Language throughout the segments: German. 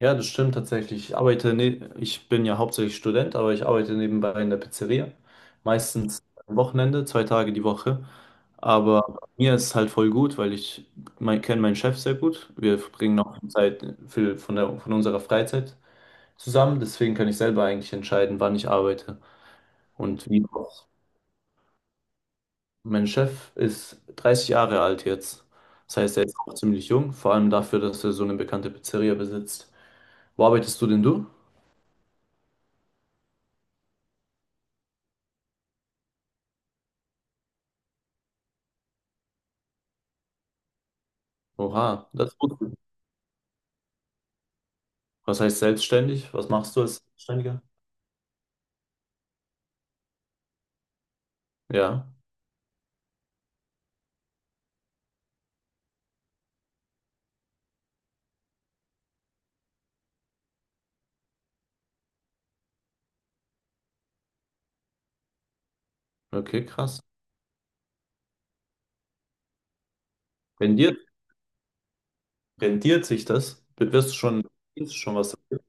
Ja, das stimmt tatsächlich. Ich arbeite, ich bin ja hauptsächlich Student, aber ich arbeite nebenbei in der Pizzeria. Meistens am Wochenende, 2 Tage die Woche. Aber bei mir ist es halt voll gut, weil ich kenne meinen Chef sehr gut. Wir verbringen auch Zeit viel von unserer Freizeit zusammen. Deswegen kann ich selber eigentlich entscheiden, wann ich arbeite und wie auch. Mein Chef ist 30 Jahre alt jetzt. Das heißt, er ist auch ziemlich jung, vor allem dafür, dass er so eine bekannte Pizzeria besitzt. Wo arbeitest du denn du? Oha, das ist gut. Was heißt selbstständig? Was machst du als Selbstständiger? Ja, okay, krass. Rendiert, rendiert sich das? Wirst du schon was dafür?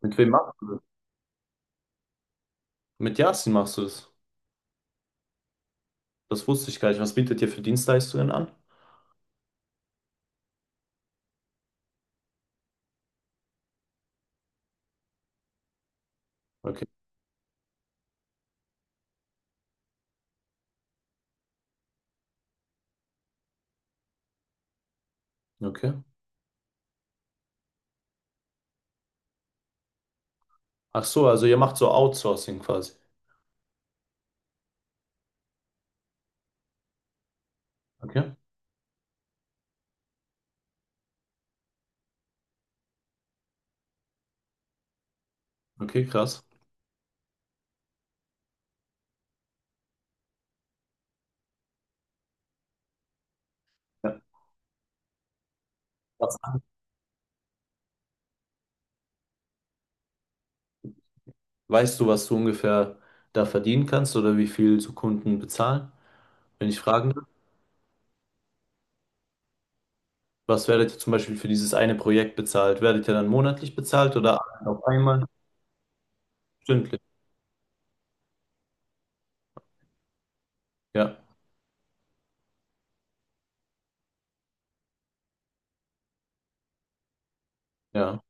Mit wem machst du das? Mit Yasin machst du das? Das wusste ich gar nicht. Was bietet ihr für Dienstleistungen an? Okay, okay. Ach so, also ihr macht so Outsourcing quasi. Okay, okay, krass. Ja. Was- Weißt du, was du ungefähr da verdienen kannst oder wie viel so Kunden bezahlen? Wenn ich fragen darf, was werdet ihr zum Beispiel für dieses eine Projekt bezahlt? Werdet ihr dann monatlich bezahlt oder auf einmal? Stündlich? Ja, ja.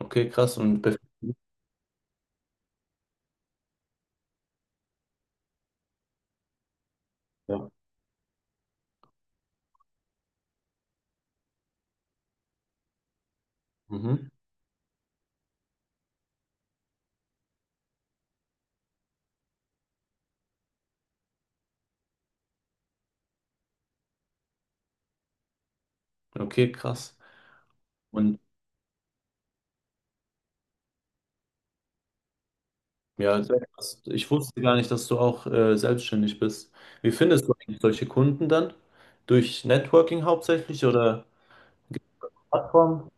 Okay, krass. Ja. Mhm. Okay, krass. Und ja, sehr krass. Ich wusste gar nicht, dass du auch selbstständig bist. Wie findest du eigentlich solche Kunden dann? Durch Networking hauptsächlich oder Plattform?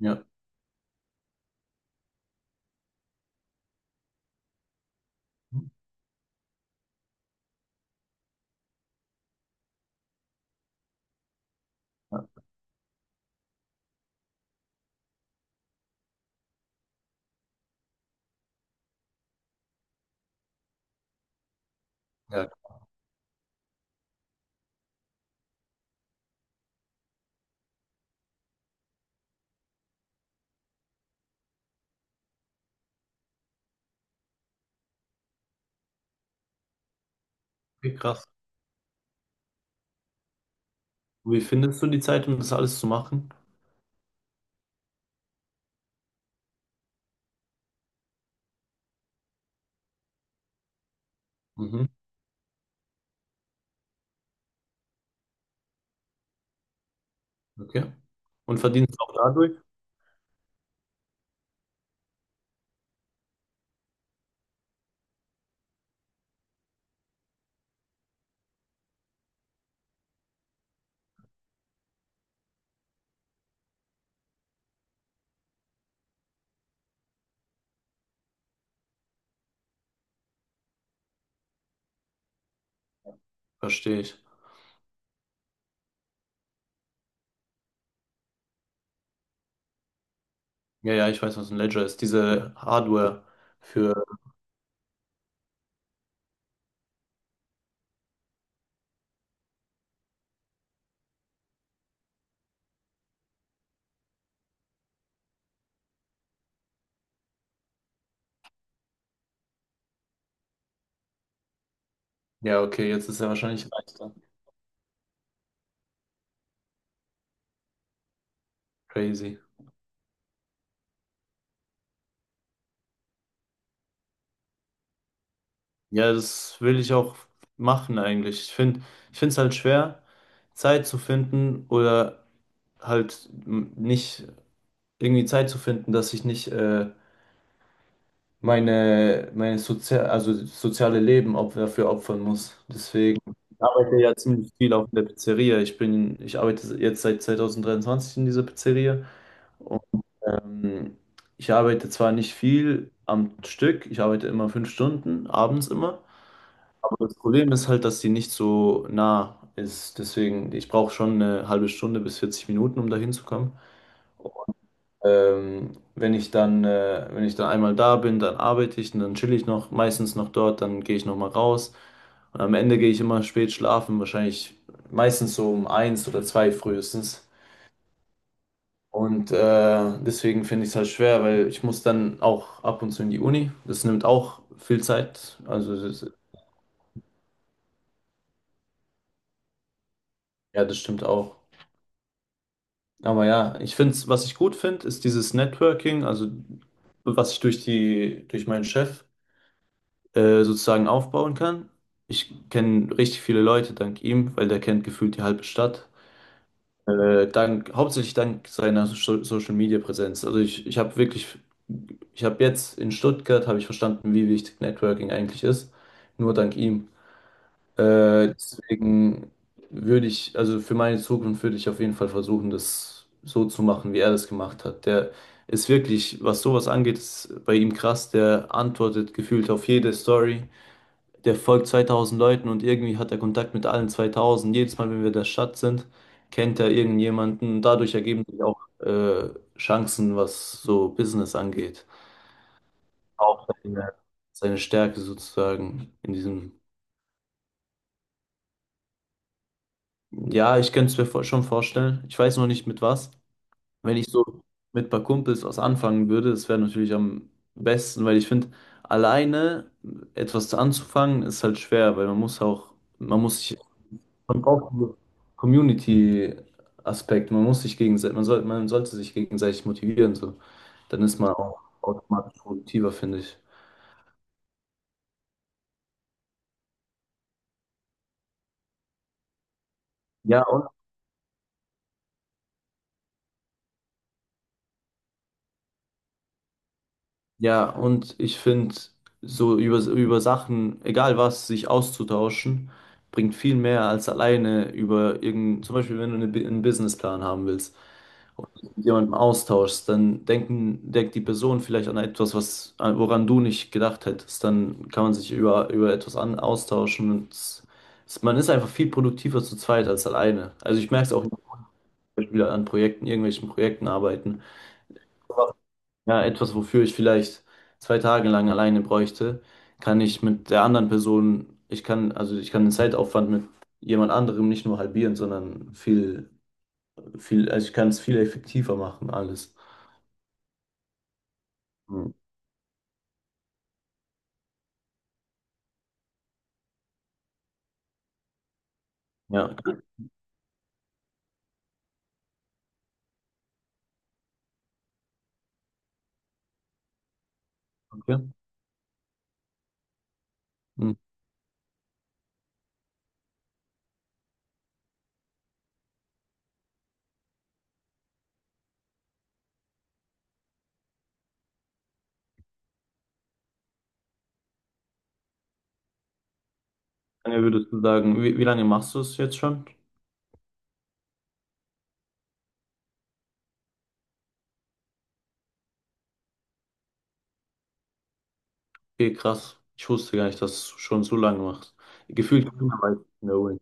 Ja. Ja, ja, okay, krass. Wie findest du die Zeit, um das alles zu machen? Mhm. Okay. Und verdienst auch dadurch? Verstehe ich. Ja, ja, ich weiß, was ein Ledger ist. Diese Hardware für. Ja, okay, jetzt ist er wahrscheinlich leichter. Crazy. Ja, das will ich auch machen eigentlich. Ich finde es halt schwer, Zeit zu finden oder nicht irgendwie Zeit zu finden, dass ich nicht meine Sozia also soziale Leben op dafür opfern muss. Deswegen ich arbeite ja ziemlich viel auch in der Pizzeria. Ich arbeite jetzt seit 2023 in dieser Pizzeria. Und, ähm, ich arbeite zwar nicht viel am Stück, ich arbeite immer 5 Stunden, abends immer. Aber das Problem ist halt, dass die nicht so nah ist. Deswegen, ich brauche schon eine halbe Stunde bis 40 Minuten, um da hinzukommen. Wenn ich dann, wenn ich dann einmal da bin, dann arbeite ich und dann chill ich noch, meistens noch dort, dann gehe ich nochmal raus. Und am Ende gehe ich immer spät schlafen, wahrscheinlich meistens so um eins oder zwei frühestens. Und deswegen finde ich es halt schwer, weil ich muss dann auch ab und zu in die Uni. Das nimmt auch viel Zeit. Ja, das stimmt auch. Aber ja, ich finde, was ich gut finde, ist dieses Networking, also was ich durch meinen Chef sozusagen aufbauen kann. Ich kenne richtig viele Leute dank ihm, weil der kennt gefühlt die halbe Stadt. Hauptsächlich dank seiner so Social Media Präsenz. Ich habe wirklich, ich habe jetzt in Stuttgart habe ich verstanden, wie wichtig Networking eigentlich ist. Nur dank ihm. Deswegen würde ich, also für meine Zukunft würde ich auf jeden Fall versuchen, das so zu machen, wie er das gemacht hat. Der ist wirklich, was sowas angeht, ist bei ihm krass. Der antwortet gefühlt auf jede Story. Der folgt 2000 Leuten und irgendwie hat er Kontakt mit allen 2000. Jedes Mal, wenn wir in der Stadt sind, kennt er irgendjemanden. Dadurch ergeben sich auch Chancen, was so Business angeht. Auch seine, seine Stärke sozusagen in diesem. Ja, ich könnte es mir schon vorstellen. Ich weiß noch nicht mit was. Wenn ich so mit ein paar Kumpels was anfangen würde, das wäre natürlich am besten, weil ich finde, alleine etwas zu anzufangen ist halt schwer, weil man muss auch, man muss sich, man braucht einen Community-Aspekt, man soll, man sollte sich gegenseitig motivieren, so. Dann ist man auch automatisch produktiver, finde ich. Ja, ja, und ich finde, so über, über Sachen, egal was, sich auszutauschen, bringt viel mehr als alleine über irgendein, zum Beispiel, wenn du einen Businessplan haben willst, mit jemandem austauschst, denkt die Person vielleicht an etwas, woran du nicht gedacht hättest. Dann kann man sich über etwas austauschen man ist einfach viel produktiver zu zweit als alleine. Also ich merke es auch zum Beispiel an Projekten, irgendwelchen Projekten arbeiten ja, etwas, wofür ich vielleicht 2 Tage lang alleine bräuchte, kann ich mit der anderen Person, also ich kann den Zeitaufwand mit jemand anderem nicht nur halbieren, sondern viel, also ich kann es viel effektiver machen, alles. Hm. Ja, danke. Hm. Wie lange würdest du sagen, wie lange machst du es jetzt schon? Okay, krass. Ich wusste gar nicht, dass du schon so lange machst. Gefühlt keiner weiß es in der Uni.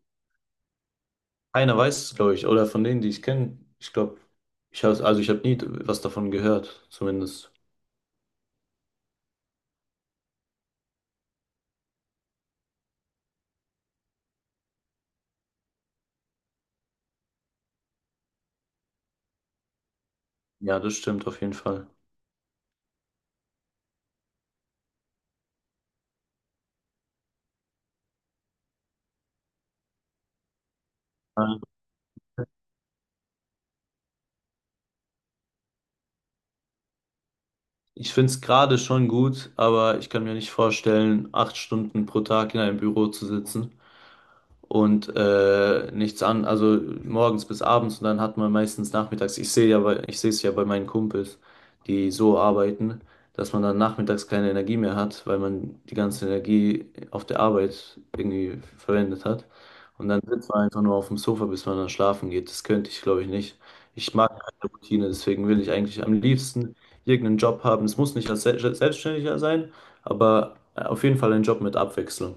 Keiner weiß es, glaube ich, oder von denen, die ich kenne, ich glaube, also ich habe nie was davon gehört, zumindest. Ja, das stimmt auf jeden Fall. Ähm, Ich finde es gerade schon gut, aber ich kann mir nicht vorstellen, 8 Stunden pro Tag in einem Büro zu sitzen. Und nichts an, also morgens bis abends und dann hat man meistens nachmittags, ich sehe es ja bei meinen Kumpels, die so arbeiten, dass man dann nachmittags keine Energie mehr hat, weil man die ganze Energie auf der Arbeit irgendwie verwendet hat. Und dann sitzt man einfach nur auf dem Sofa, bis man dann schlafen geht. Das könnte ich, glaube ich, nicht. Ich mag keine Routine, deswegen will ich eigentlich am liebsten irgendeinen Job haben. Es muss nicht als Selbstständiger sein, aber auf jeden Fall ein Job mit Abwechslung.